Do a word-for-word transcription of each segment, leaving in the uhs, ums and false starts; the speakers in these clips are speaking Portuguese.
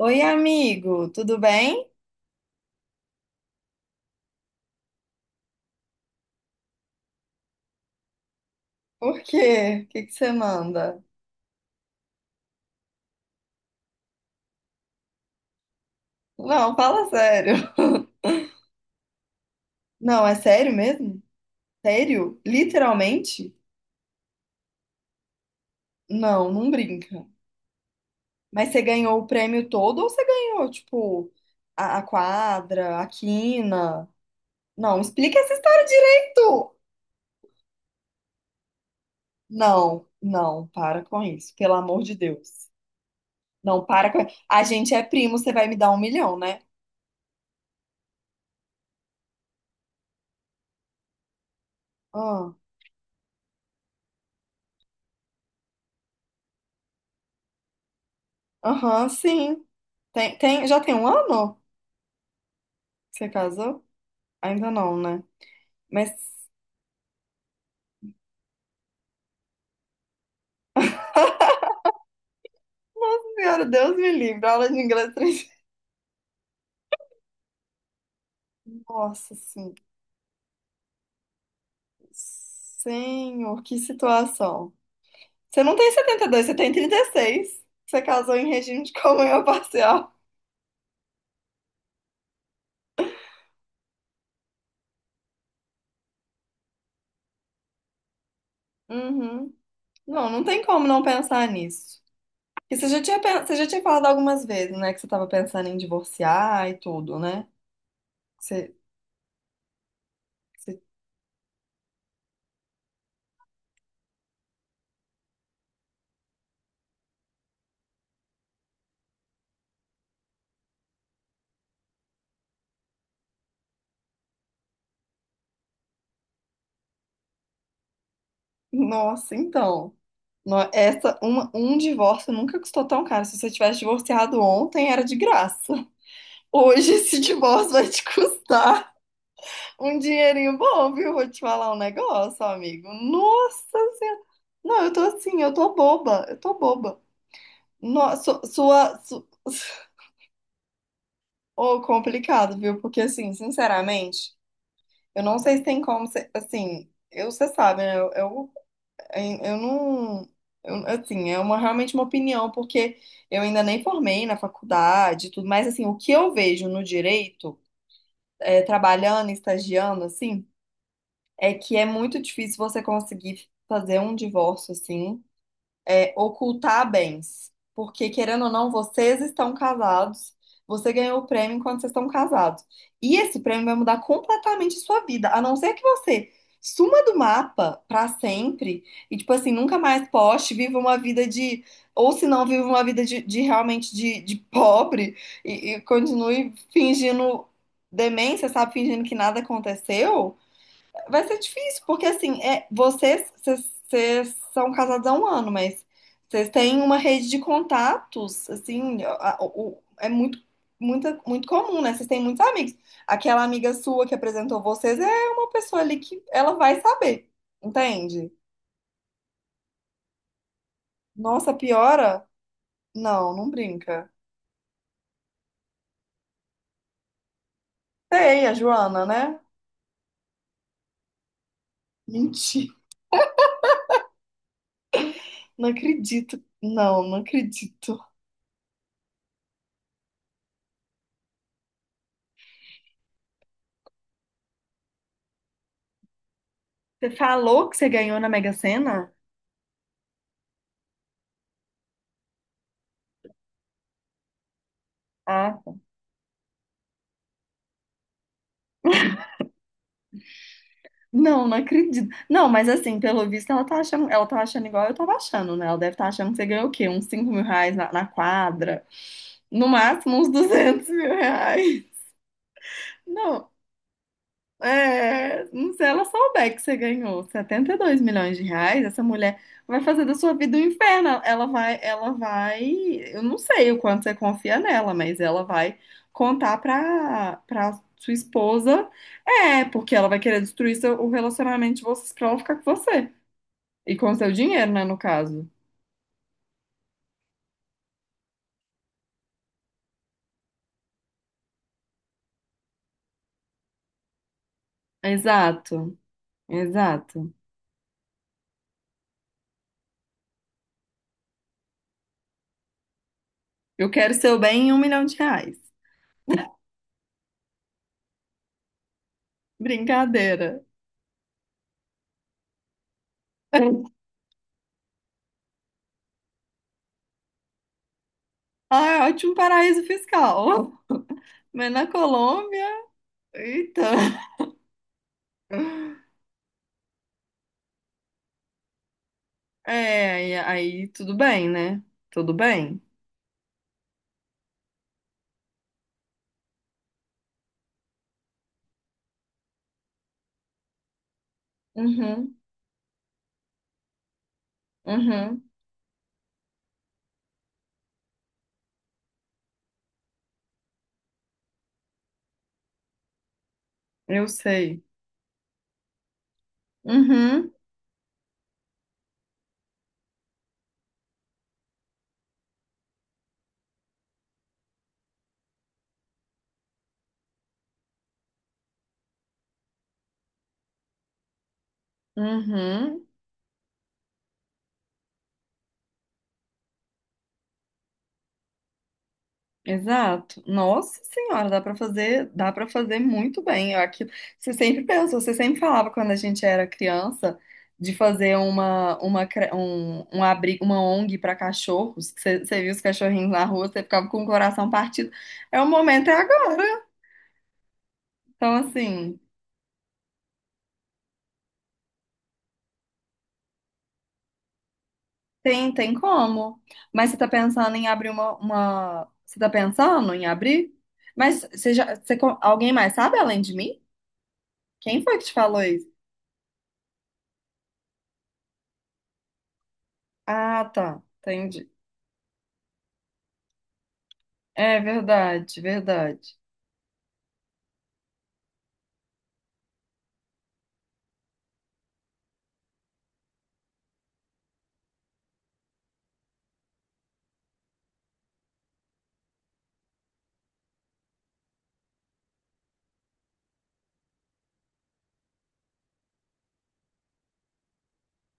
Oi, amigo, tudo bem? Por quê? O que que você manda? Não, fala sério. Não, é sério mesmo? Sério? Literalmente? Não, não brinca. Mas você ganhou o prêmio todo ou você ganhou, tipo, a, a quadra, a quina? Não, explica essa história direito! Não, não, para com isso, pelo amor de Deus. Não, para com. A gente é primo, você vai me dar um milhão, né? Ah. Aham, sim. Tem, tem, já tem um ano que você casou? Ainda não, né? Mas, senhora, Deus me livre, aula de inglês três. Nossa, sim. Senhor, que situação. Você não tem setenta e dois, você tem trinta e seis? Você casou em regime de comunhão parcial. Uhum. Não, não tem como não pensar nisso. E você já tinha, pen- você já tinha falado algumas vezes, né? Que você estava pensando em divorciar e tudo, né? Você, você- Nossa, então. No- Essa, uma, um divórcio nunca custou tão caro. Se você tivesse divorciado ontem, era de graça. Hoje esse divórcio vai te custar um dinheirinho bom, viu? Vou te falar um negócio, amigo. Nossa Senhora. Não, eu tô assim, eu tô boba, eu tô boba. Nossa, sua, su... Ô, complicado, viu? Porque assim, sinceramente, eu não sei se tem como ser, assim, eu, você sabe, né? Eu, eu, eu não, eu- assim, é uma realmente uma opinião, porque eu ainda nem formei na faculdade, e tudo, mas assim, o que eu vejo no direito, é, trabalhando, estagiando, assim, é que é muito difícil você conseguir fazer um divórcio assim, é, ocultar bens. Porque, querendo ou não, vocês estão casados, você ganhou o prêmio enquanto vocês estão casados. E esse prêmio vai mudar completamente a sua vida, a não ser que você suma do mapa pra sempre e, tipo assim, nunca mais poste, viva uma vida de. Ou se não, viva uma vida de, de realmente de, de pobre e e continue fingindo demência, sabe? Fingindo que nada aconteceu. Vai ser difícil, porque assim, é, vocês, vocês, vocês são casados há um ano, mas vocês têm uma rede de contatos, assim, a- o- é muito, muito, muito comum, né? Vocês têm muitos amigos. Aquela amiga sua que apresentou vocês é uma pessoa ali que ela vai saber, entende? Nossa, piora? Não, não brinca. Sei, a Joana, né? Mentira, não acredito. Não, não acredito. Você falou que você ganhou na Mega Sena? Ah. Não, não acredito. Não, mas assim, pelo visto, ela tá achando, ela tá achando igual eu tava achando, né? Ela deve estar achando que você ganhou o quê? Uns cinco mil reais na, na quadra. No máximo, uns duzentos mil reais. Não, é... não sei. Ela souber que você ganhou setenta e dois milhões de reais, essa mulher vai fazer da sua vida um inferno. Ela vai, ela vai... Eu não sei o quanto você confia nela, mas ela vai contar pra, pra sua esposa. É, porque ela vai querer destruir seu, o relacionamento de vocês pra ela ficar com você. E com seu dinheiro, né, no caso. Exato, exato. Eu quero seu bem em um milhão de reais. Brincadeira. Ah, é ótimo paraíso fiscal. Mas na Colômbia, eita. É, e aí tudo bem, né? Tudo bem. Uhum, uhum, eu sei. Uhum, uhum. Exato. Nossa senhora, dá para fazer, dá para fazer muito bem. Eu aqui, você sempre pensou, você sempre falava quando a gente era criança de fazer uma uma cre- um, um abrigo, uma ONG para cachorros, que Você, você viu os cachorrinhos na rua, você ficava com o coração partido. É o momento é agora. Então assim, tem tem como. Mas você tá pensando em abrir uma, uma você tá pensando em abrir? Mas você já, você, co- alguém mais sabe além de mim? Quem foi que te falou isso? Ah, tá. Entendi. É verdade, verdade.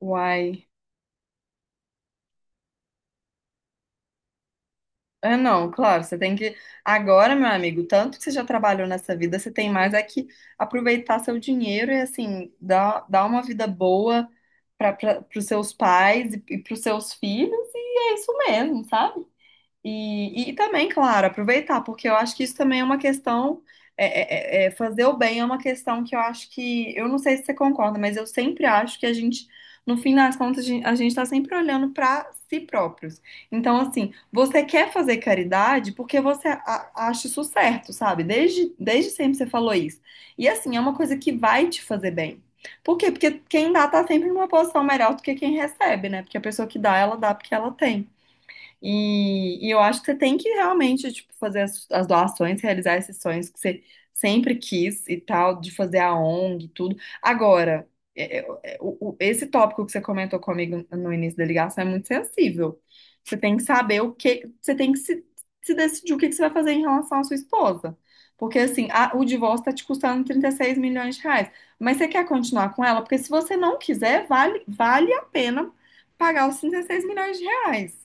Uai. Ah, não, claro, você tem que. Agora, meu amigo, tanto que você já trabalhou nessa vida, você tem mais é que aproveitar seu dinheiro e, assim, dar, dar uma vida boa para os seus pais e, e para os seus filhos, e é isso mesmo, sabe? E, e também, claro, aproveitar, porque eu acho que isso também é uma questão. É- é- é- é, fazer o bem é uma questão que eu acho que. Eu não sei se você concorda, mas eu sempre acho que a gente, no fim das contas, a gente está sempre olhando para si próprios. Então, assim, você quer fazer caridade porque você a- acha isso certo, sabe? Desde, desde sempre você falou isso. E, assim, é uma coisa que vai te fazer bem. Por quê? Porque quem dá tá sempre numa posição melhor do que quem recebe, né? Porque a pessoa que dá, ela dá porque ela tem. E, e eu acho que você tem que realmente, tipo, fazer as, as doações, realizar esses sonhos que você sempre quis e tal, de fazer a ONG e tudo. Agora, é- é- é- o- o- esse tópico que você comentou comigo no início da ligação é muito sensível. Você tem que saber o que, você tem que se, se decidir o que que você vai fazer em relação à sua esposa. Porque, assim, a- o divórcio está te custando trinta e seis milhões de reais. Mas você quer continuar com ela? Porque se você não quiser, vale, vale a pena pagar os trinta e seis milhões de reais.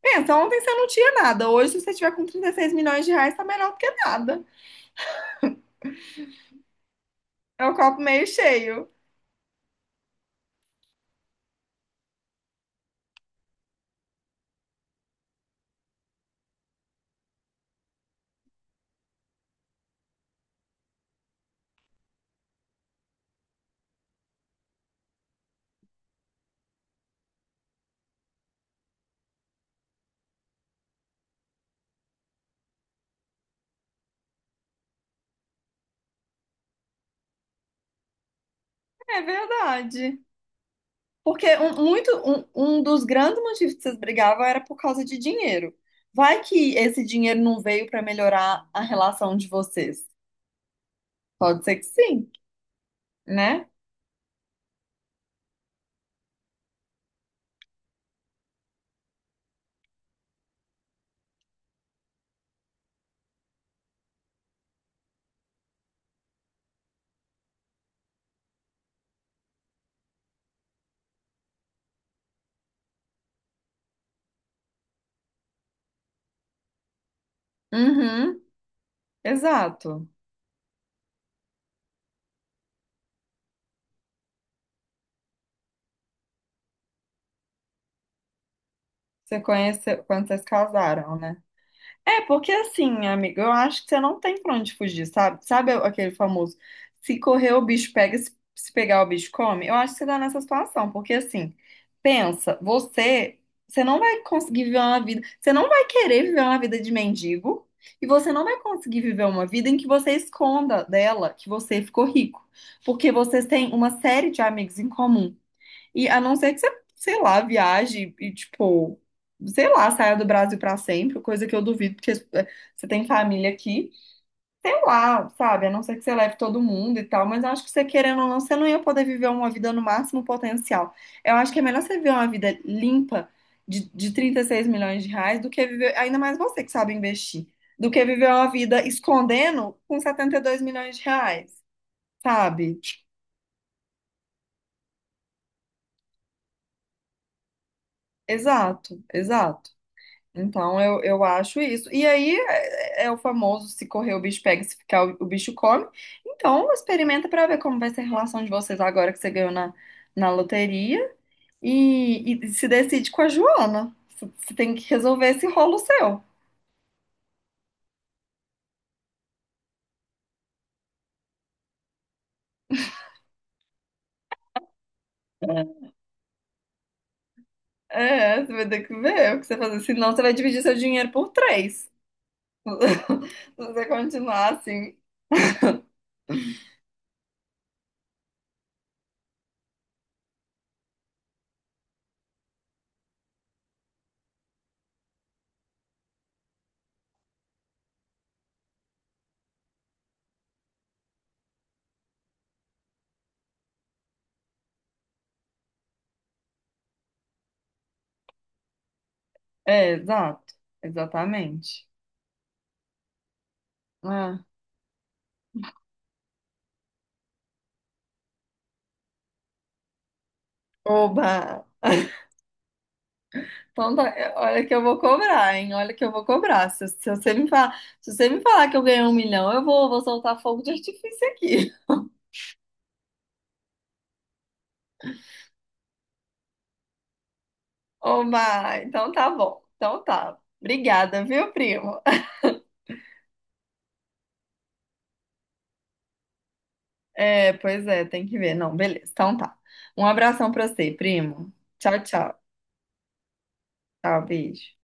Pensa, ontem você não tinha nada. Hoje, se você tiver com trinta e seis milhões de reais, tá melhor do que nada. É o copo meio cheio. É verdade. Porque um, muito, um, um dos grandes motivos que vocês brigavam era por causa de dinheiro. Vai que esse dinheiro não veio pra melhorar a relação de vocês. Pode ser que sim, né? Uhum, exato. Você conheceu quando vocês casaram, né? É, porque assim, amigo, eu acho que você não tem pra onde fugir, sabe? Sabe aquele famoso, se correr o bicho pega, se se pegar o bicho come? Eu acho que você tá nessa situação, porque assim, pensa, você, você não vai conseguir viver uma vida, você não vai querer viver uma vida de mendigo, e você não vai conseguir viver uma vida em que você esconda dela que você ficou rico, porque vocês têm uma série de amigos em comum. E a não ser que você, sei lá, viaje e, tipo, sei lá, saia do Brasil pra sempre, coisa que eu duvido, porque eh, você tem família aqui, sei lá, sabe? A não ser que você leve todo mundo e tal, mas eu acho que você querendo ou não, você não ia poder viver uma vida no máximo potencial. Eu acho que é melhor você viver uma vida limpa de, de trinta e seis milhões de reais do que viver, ainda mais você que sabe investir, do que viver uma vida escondendo com setenta e dois milhões de reais, sabe? Exato, exato. Então, eu, eu acho isso. E aí é, é o famoso: se correr o bicho pega, se ficar o, o bicho come. Então, experimenta para ver como vai ser a relação de vocês agora que você ganhou na, na loteria. E, e se decide com a Joana. Você você tem que resolver esse rolo seu. É, você vai ter que ver o que você fazer. Senão, você vai dividir seu dinheiro por três. Se você continuar assim. É, exato. Exatamente. Ah, oba! Então, tá, é, olha que eu vou cobrar, hein? Olha que eu vou cobrar. Se, se você me falar, se você me falar que eu ganhei um milhão, eu vou, vou soltar fogo de artifício aqui. Ô, Mar, então tá bom. Então tá. Obrigada, viu, primo? É, pois é, tem que ver. Não, beleza. Então tá. Um abração pra você, primo. Tchau, tchau. Tchau, beijo.